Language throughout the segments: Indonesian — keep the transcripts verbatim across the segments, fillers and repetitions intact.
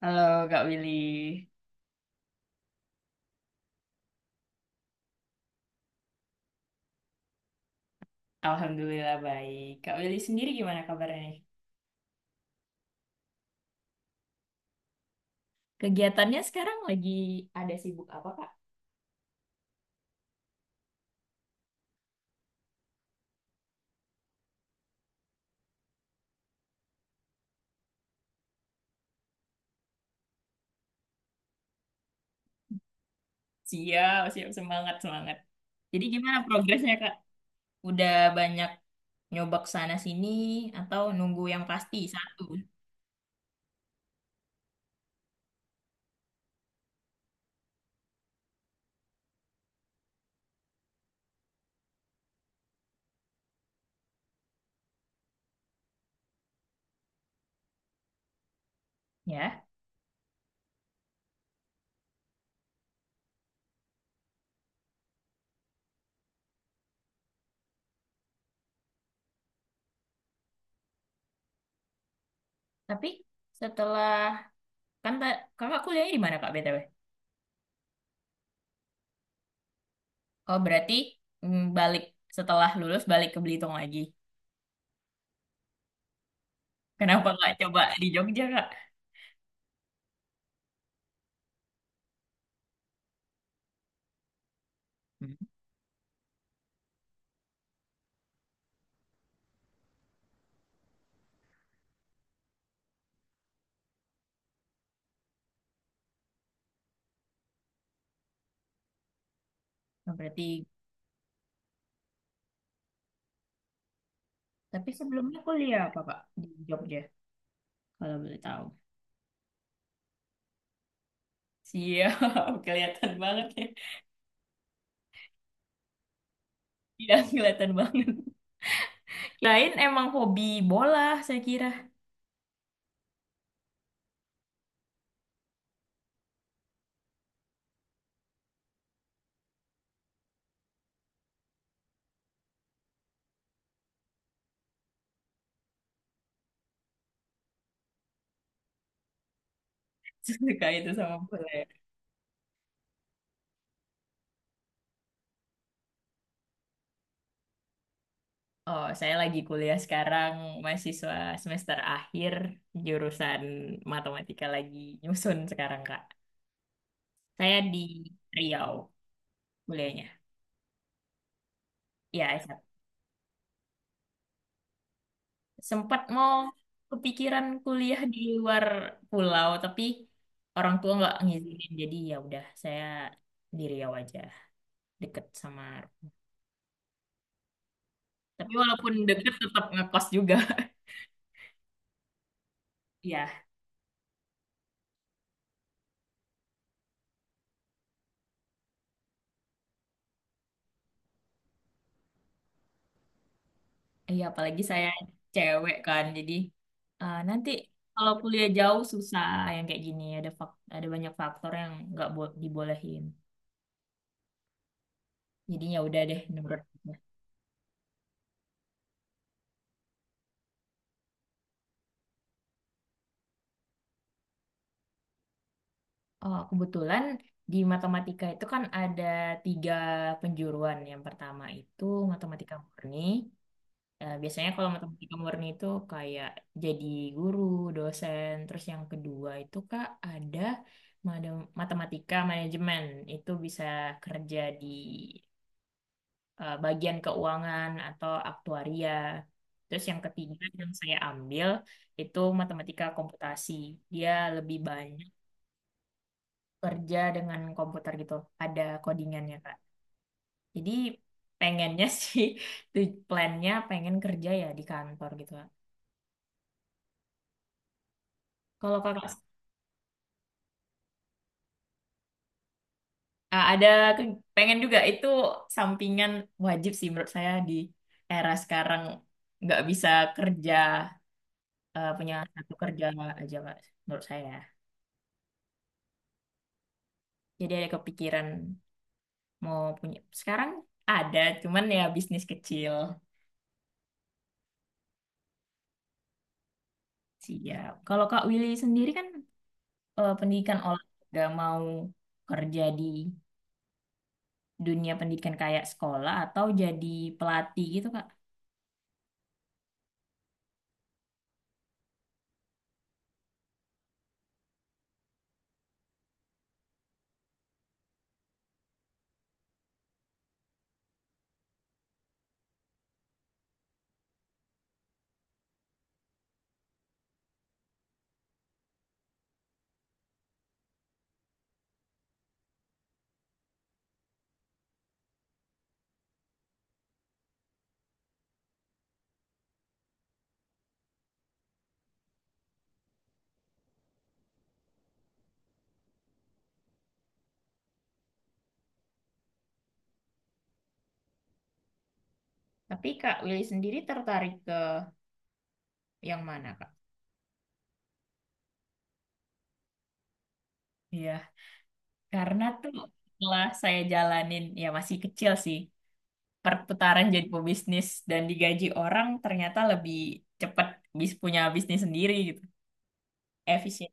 Halo Kak Willy, Alhamdulillah baik. Kak Willy sendiri gimana kabarnya nih? Kegiatannya sekarang lagi ada sibuk apa, Kak? Siap, siap, semangat, semangat. Jadi gimana progresnya Kak? Udah banyak nyobak sana sini atau nunggu yang pasti satu? Ya, tapi setelah kan ta- kakak kuliahnya di mana Kak B T W? Oh berarti mm, balik setelah lulus balik ke Belitung lagi. Kenapa nggak coba di Jogja Kak? Hmm. Oh, berarti tapi sebelumnya kuliah apa, Pak? Di Jogja, kalau boleh tahu. Siap, kelihatan banget ya. Iya, kelihatan banget. Lain emang hobi bola, saya kira. Suka itu sama bola. Ya. Oh, saya lagi kuliah sekarang, mahasiswa semester akhir, jurusan matematika lagi nyusun sekarang, Kak. Saya di Riau kuliahnya. Iya, sempat mau kepikiran kuliah di luar pulau tapi orang tua nggak ngizinin jadi ya udah saya di Riau aja deket sama tapi walaupun deket tetap ngekos juga Iya, iya apalagi saya cewek kan jadi eh, nanti kalau kuliah jauh susah yang kayak gini ada fak- ada banyak faktor yang nggak bo- dibolehin jadinya ya udah deh nurut. Oh, kebetulan di matematika itu kan ada tiga penjuruan. Yang pertama itu matematika murni. Eh, biasanya kalau matematika murni itu kayak jadi guru, dosen. Terus yang kedua itu Kak ada madam- matematika manajemen. Itu bisa kerja di eh, bagian keuangan atau aktuaria. Terus yang ketiga yang saya ambil itu matematika komputasi. Dia lebih banyak kerja dengan komputer gitu. Ada codingannya, Kak. Jadi pengennya sih, tu- plannya pengen kerja ya di kantor gitu, Kak. Kalau Kakak eh, ada ke- pengen juga itu sampingan wajib sih menurut saya di era sekarang nggak bisa kerja eh, punya satu kerja aja, Kak, menurut saya. Jadi ada kepikiran mau punya. Sekarang ada, cuman ya bisnis kecil. Siap. Kalau Kak Willy sendiri kan eh, pendidikan olahraga mau kerja di dunia pendidikan kayak sekolah atau jadi pelatih gitu Kak. Tapi Kak Willy sendiri tertarik ke yang mana, Kak? Iya, karena tuh setelah saya jalanin, ya masih kecil sih, perputaran jadi pebisnis dan digaji orang ternyata lebih cepat bis punya bisnis sendiri gitu. Efisien.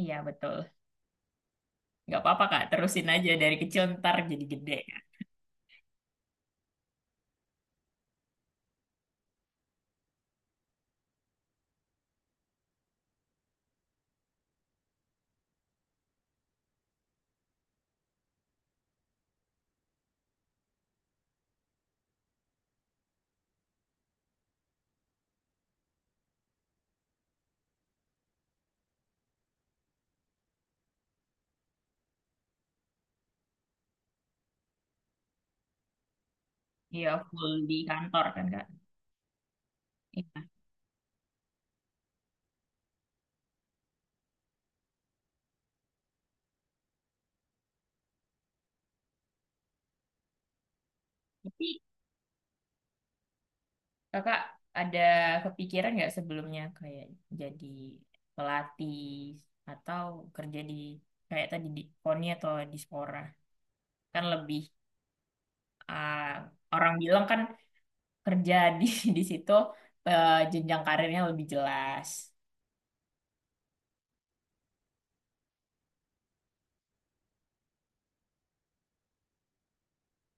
Iya betul, nggak apa-apa Kak, terusin aja dari kecil ntar jadi gede. Kak. Iya full di kantor kan Kak. Iya. Tapi Kakak ada kepikiran nggak sebelumnya kayak jadi pelatih atau kerja di kayak tadi di KONI atau di Spora? Kan lebih ah, orang bilang kan kerja di di situ eh, jenjang karirnya lebih jelas.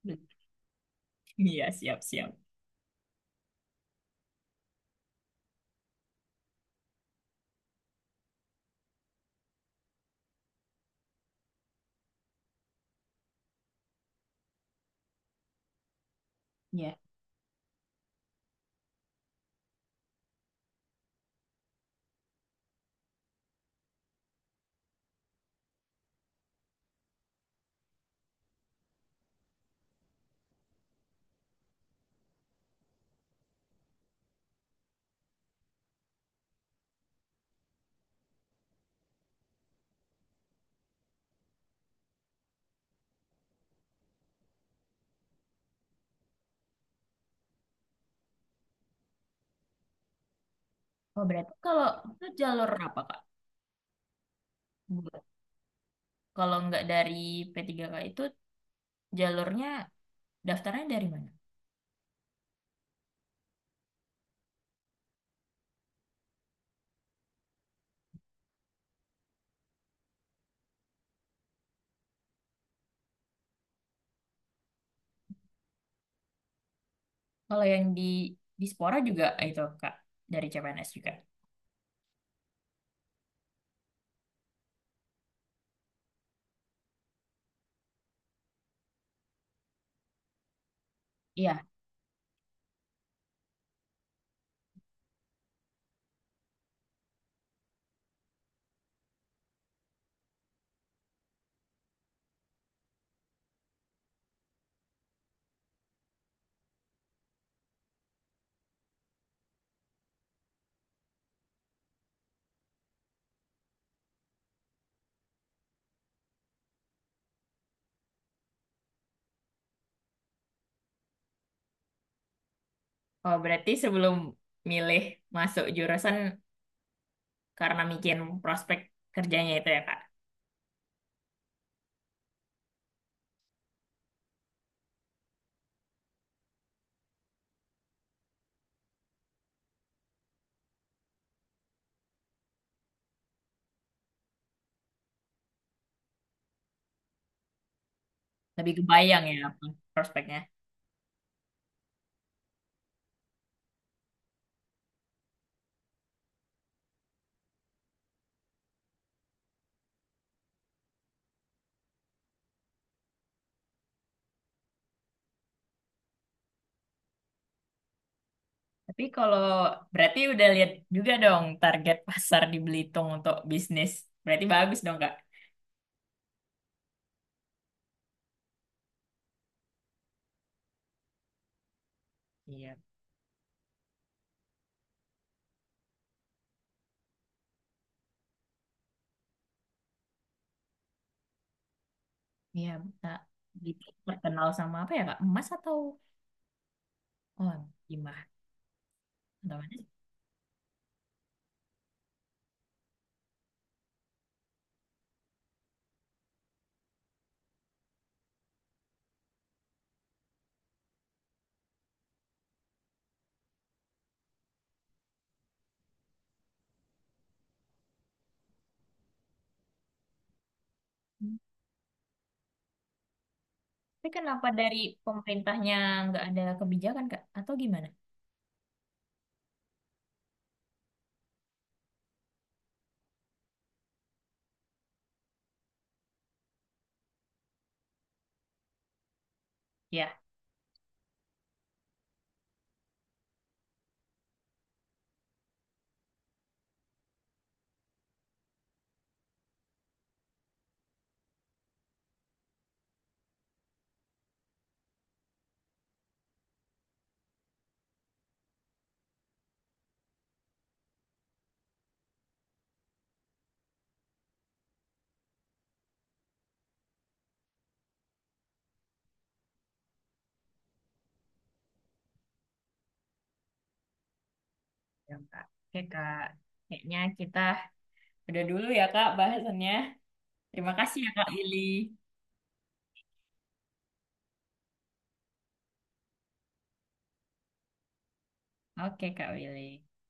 Iya, siap-siap. Iya. Oh, berarti kalau itu jalur apa, Kak? Bu- Kalau nggak dari p tiga k itu jalurnya daftarnya dari mana? Kalau yang di di Spora juga itu, Kak, dari C P N S juga. Iya. Oh, berarti sebelum milih masuk jurusan karena mikirin prospek kerjanya itu ya, Kak? Lebih kebayang ya apa prospeknya. Tapi kalau berarti udah lihat juga dong target pasar di Belitung untuk bisnis. Berarti bagus dong, Kak? Iya. Iya, Kak. Gitu terkenal sama apa ya, Kak? Emas atau oh, gimana? Atau mana sih? Tapi kenapa dari pemerintahnya nggak ada kebijakan, Kak? Atau gimana? Ya, ya, Kak. Oke, Kak. Kayaknya kita udah dulu ya, Kak, bahasannya. Terima kasih ya Kak Willy. Oke Kak Willy.